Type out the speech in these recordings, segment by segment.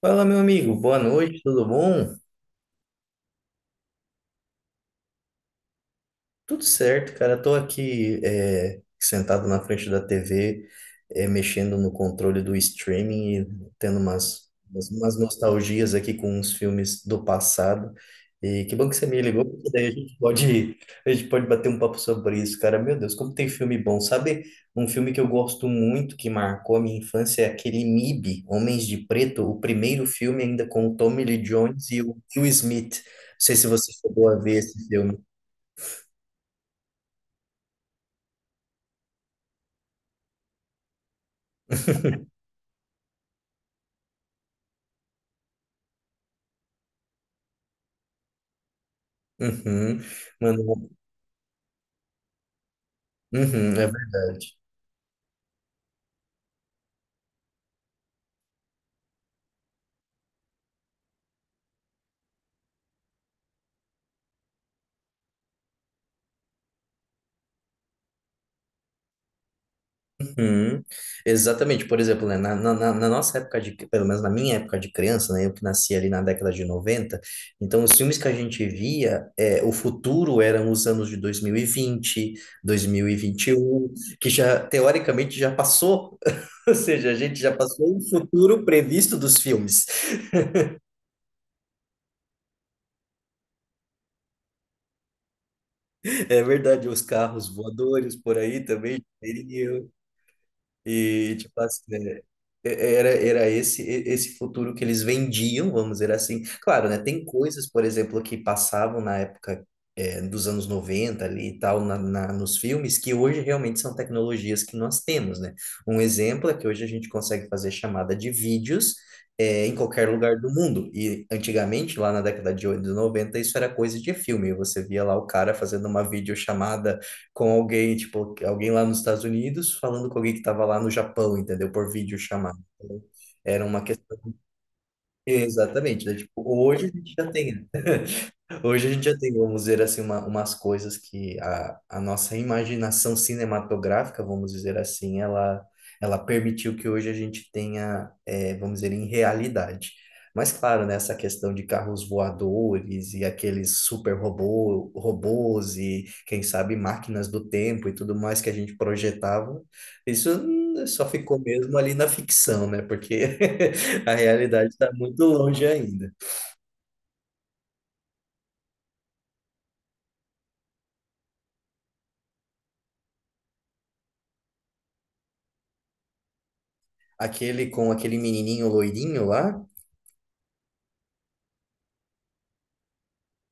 Fala, meu amigo, boa noite, tudo bom? Tudo certo, cara. Tô aqui sentado na frente da TV, mexendo no controle do streaming e tendo umas nostalgias aqui com uns filmes do passado. E que bom que você me ligou, porque daí a gente pode bater um papo sobre isso, cara. Meu Deus, como tem filme bom. Sabe um filme que eu gosto muito, que marcou a minha infância, é aquele MIB, Homens de Preto, o primeiro filme ainda com o Tommy Lee Jones e o Will Smith. Não sei se você chegou a ver esse filme. Uhum, mano. Uhum, é verdade. Uhum, exatamente, por exemplo, né, na nossa época de, pelo menos na minha época de criança, né, eu que nasci ali na década de 90, então os filmes que a gente via, o futuro eram os anos de 2021, que já, teoricamente, já passou. Ou seja, a gente já passou o futuro previsto dos filmes. É verdade, os carros voadores por aí também. E, tipo assim, era esse, esse futuro que eles vendiam, vamos dizer assim. Claro, né? Tem coisas, por exemplo, que passavam na época, dos anos 90 ali e tal, nos filmes, que hoje realmente são tecnologias que nós temos, né? Um exemplo é que hoje a gente consegue fazer chamada de vídeos, em qualquer lugar do mundo. E antigamente, lá na década de 80 e 90, isso era coisa de filme. Você via lá o cara fazendo uma videochamada com alguém, tipo, alguém lá nos Estados Unidos falando com alguém que estava lá no Japão, entendeu? Por vídeo chamado. Era uma questão. Exatamente, né? Tipo, hoje a gente já tem, né? Hoje a gente já tem, vamos dizer assim, uma, umas coisas que a nossa imaginação cinematográfica, vamos dizer assim, ela permitiu que hoje a gente tenha, vamos dizer, em realidade. Mas claro, né, essa questão de carros voadores e aqueles super robô, robôs e, quem sabe, máquinas do tempo e tudo mais que a gente projetava, isso só ficou mesmo ali na ficção, né? Porque a realidade está muito longe ainda. Aquele com aquele menininho loirinho lá?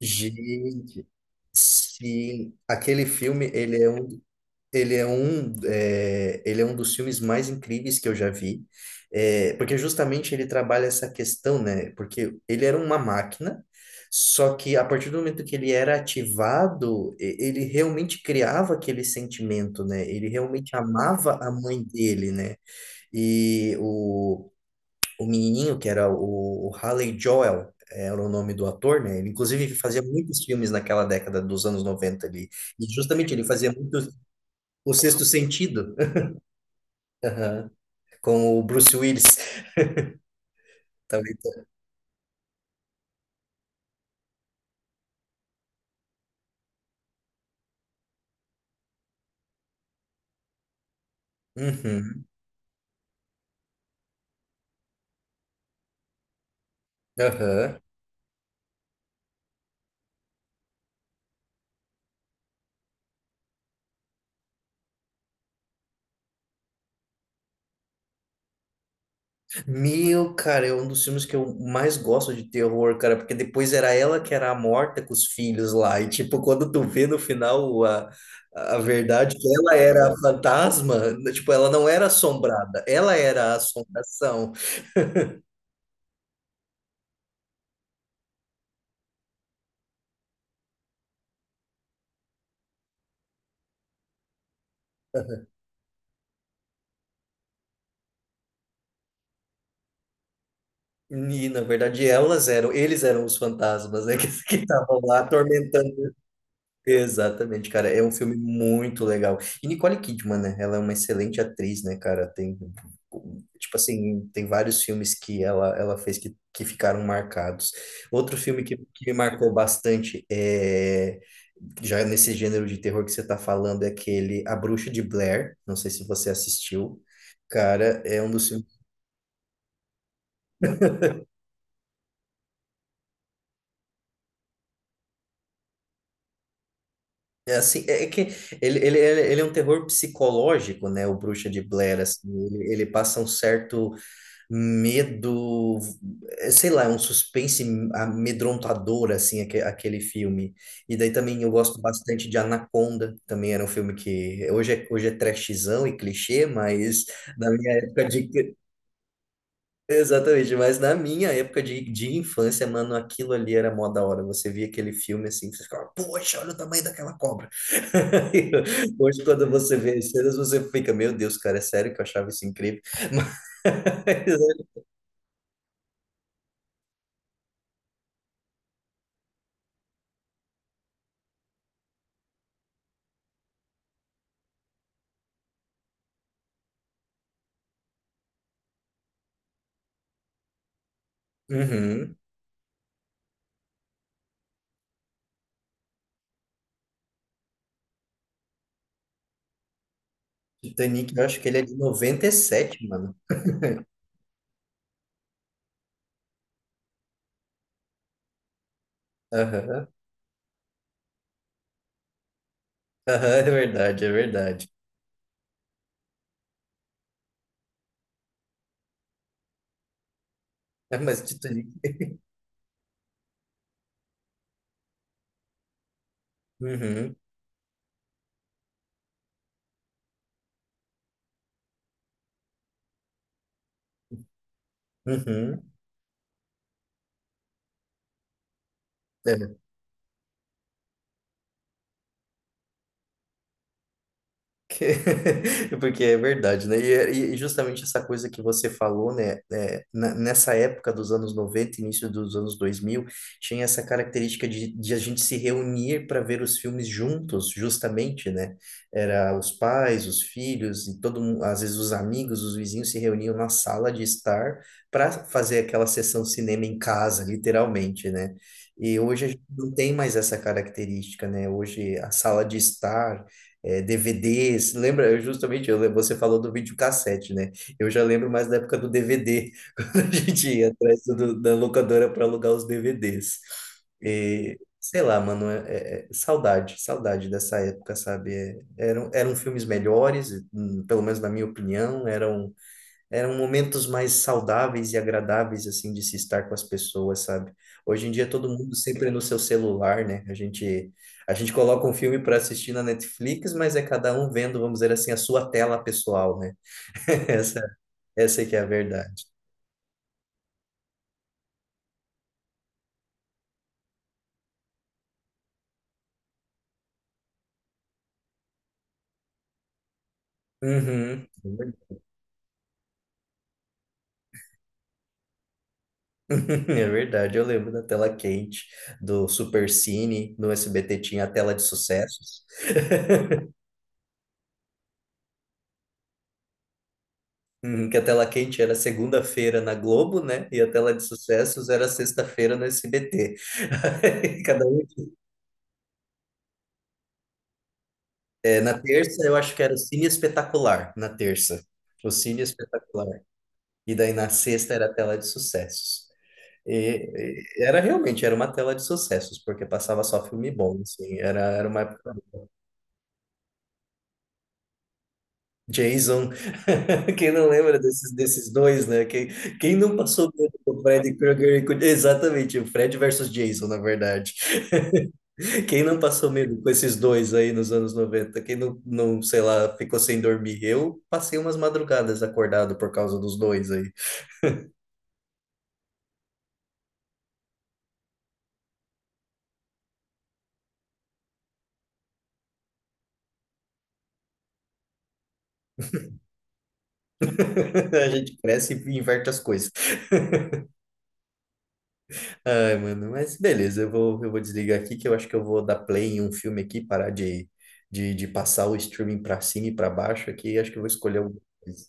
Gente, sim. Aquele filme, ele é um dos filmes mais incríveis que eu já vi. É, porque justamente ele trabalha essa questão, né? Porque ele era uma máquina, só que a partir do momento que ele era ativado, ele realmente criava aquele sentimento, né? Ele realmente amava a mãe dele, né? E o menininho, que era o Haley Joel, era o nome do ator, né? Ele, inclusive, ele fazia muitos filmes naquela década dos anos 90 ali. E justamente ele fazia muito O Sexto Sentido. Aham, com o Bruce Willis. Talvez. Uhum, aham. Meu, cara, é um dos filmes que eu mais gosto de terror, cara, porque depois era ela que era a morta com os filhos lá. E, tipo, quando tu vê no final a verdade que ela era a fantasma, tipo, ela não era assombrada, ela era a assombração. E, na verdade, eles eram os fantasmas, né, que que estavam lá atormentando. Exatamente, cara, é um filme muito legal. E Nicole Kidman, né, ela é uma excelente atriz, né, cara, tem, tipo assim, tem vários filmes que ela fez, que ficaram marcados. Outro filme que me marcou bastante, já nesse gênero de terror que você tá falando, é aquele A Bruxa de Blair, não sei se você assistiu. Cara, é um dos filmes. É, assim, é que ele é um terror psicológico, né? O Bruxa de Blair, assim, ele passa um certo medo. Sei lá, é um suspense amedrontador, assim, aquele filme. E daí também eu gosto bastante de Anaconda, também era um filme que hoje é trashzão e clichê, mas na minha época de. Exatamente, mas na minha época de infância, mano, aquilo ali era mó da hora. Você via aquele filme assim, você ficava, poxa, olha o tamanho daquela cobra. Hoje, quando você vê as cenas, você fica, meu Deus, cara, é sério que eu achava isso incrível. Mas. Uhum. Titanic, eu acho que ele é de 97, mano. Aham. Aham, é verdade, é verdade. É, mas Titanic. Uhum, uhum. É. Porque é verdade, né? E, e justamente essa coisa que você falou, né? Nessa época dos anos 90, início dos anos 2000, tinha essa característica de a gente se reunir para ver os filmes juntos, justamente, né? Era os pais, os filhos, e todo mundo, às vezes os amigos, os vizinhos se reuniam na sala de estar para fazer aquela sessão cinema em casa, literalmente, né? E hoje a gente não tem mais essa característica, né? Hoje a sala de estar DVDs, lembra? Eu Justamente, eu, lem- você falou do videocassete, né? Eu já lembro mais da época do DVD, quando a gente ia atrás da locadora para alugar os DVDs. E, sei lá, mano, é saudade, saudade dessa época, sabe? É, eram filmes melhores, pelo menos na minha opinião, eram momentos mais saudáveis e agradáveis, assim, de se estar com as pessoas, sabe? Hoje em dia todo mundo sempre no seu celular, né? A gente coloca um filme para assistir na Netflix, mas é cada um vendo, vamos dizer assim, a sua tela pessoal, né? Essa, essa é que é a verdade. Uhum. É verdade, eu lembro da tela quente, do Supercine, no SBT tinha a tela de sucessos. Uhum, que a tela quente era segunda-feira na Globo, né? E a tela de sucessos era sexta-feira no SBT. Aí, cada um. É, na terça eu acho que era o Cine Espetacular, na terça. O Cine Espetacular. E daí na sexta era a tela de sucessos. E, e era realmente, era uma tela de sucessos, porque passava só filme bom, assim, era uma época. Jason, quem não lembra desses dois, né? Quem não passou medo com o Fred Krueger? Exatamente, o Fred versus Jason, na verdade. Quem não passou medo com esses dois aí nos anos 90? Quem não, sei lá, ficou sem dormir? Eu passei umas madrugadas acordado por causa dos dois aí. A gente cresce e inverte as coisas. Ai, mano, mas beleza, eu vou desligar aqui que eu acho que eu vou dar play em um filme aqui, parar de passar o streaming pra cima e pra baixo aqui. Acho que eu vou escolher alguma coisa.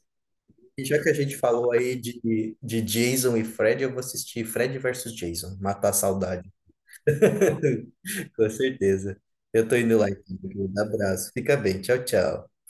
E já que a gente falou aí de Jason e Fred, eu vou assistir Fred versus Jason, Matar a Saudade. Com certeza. Eu tô indo lá, então. Um abraço. Fica bem. Tchau, tchau.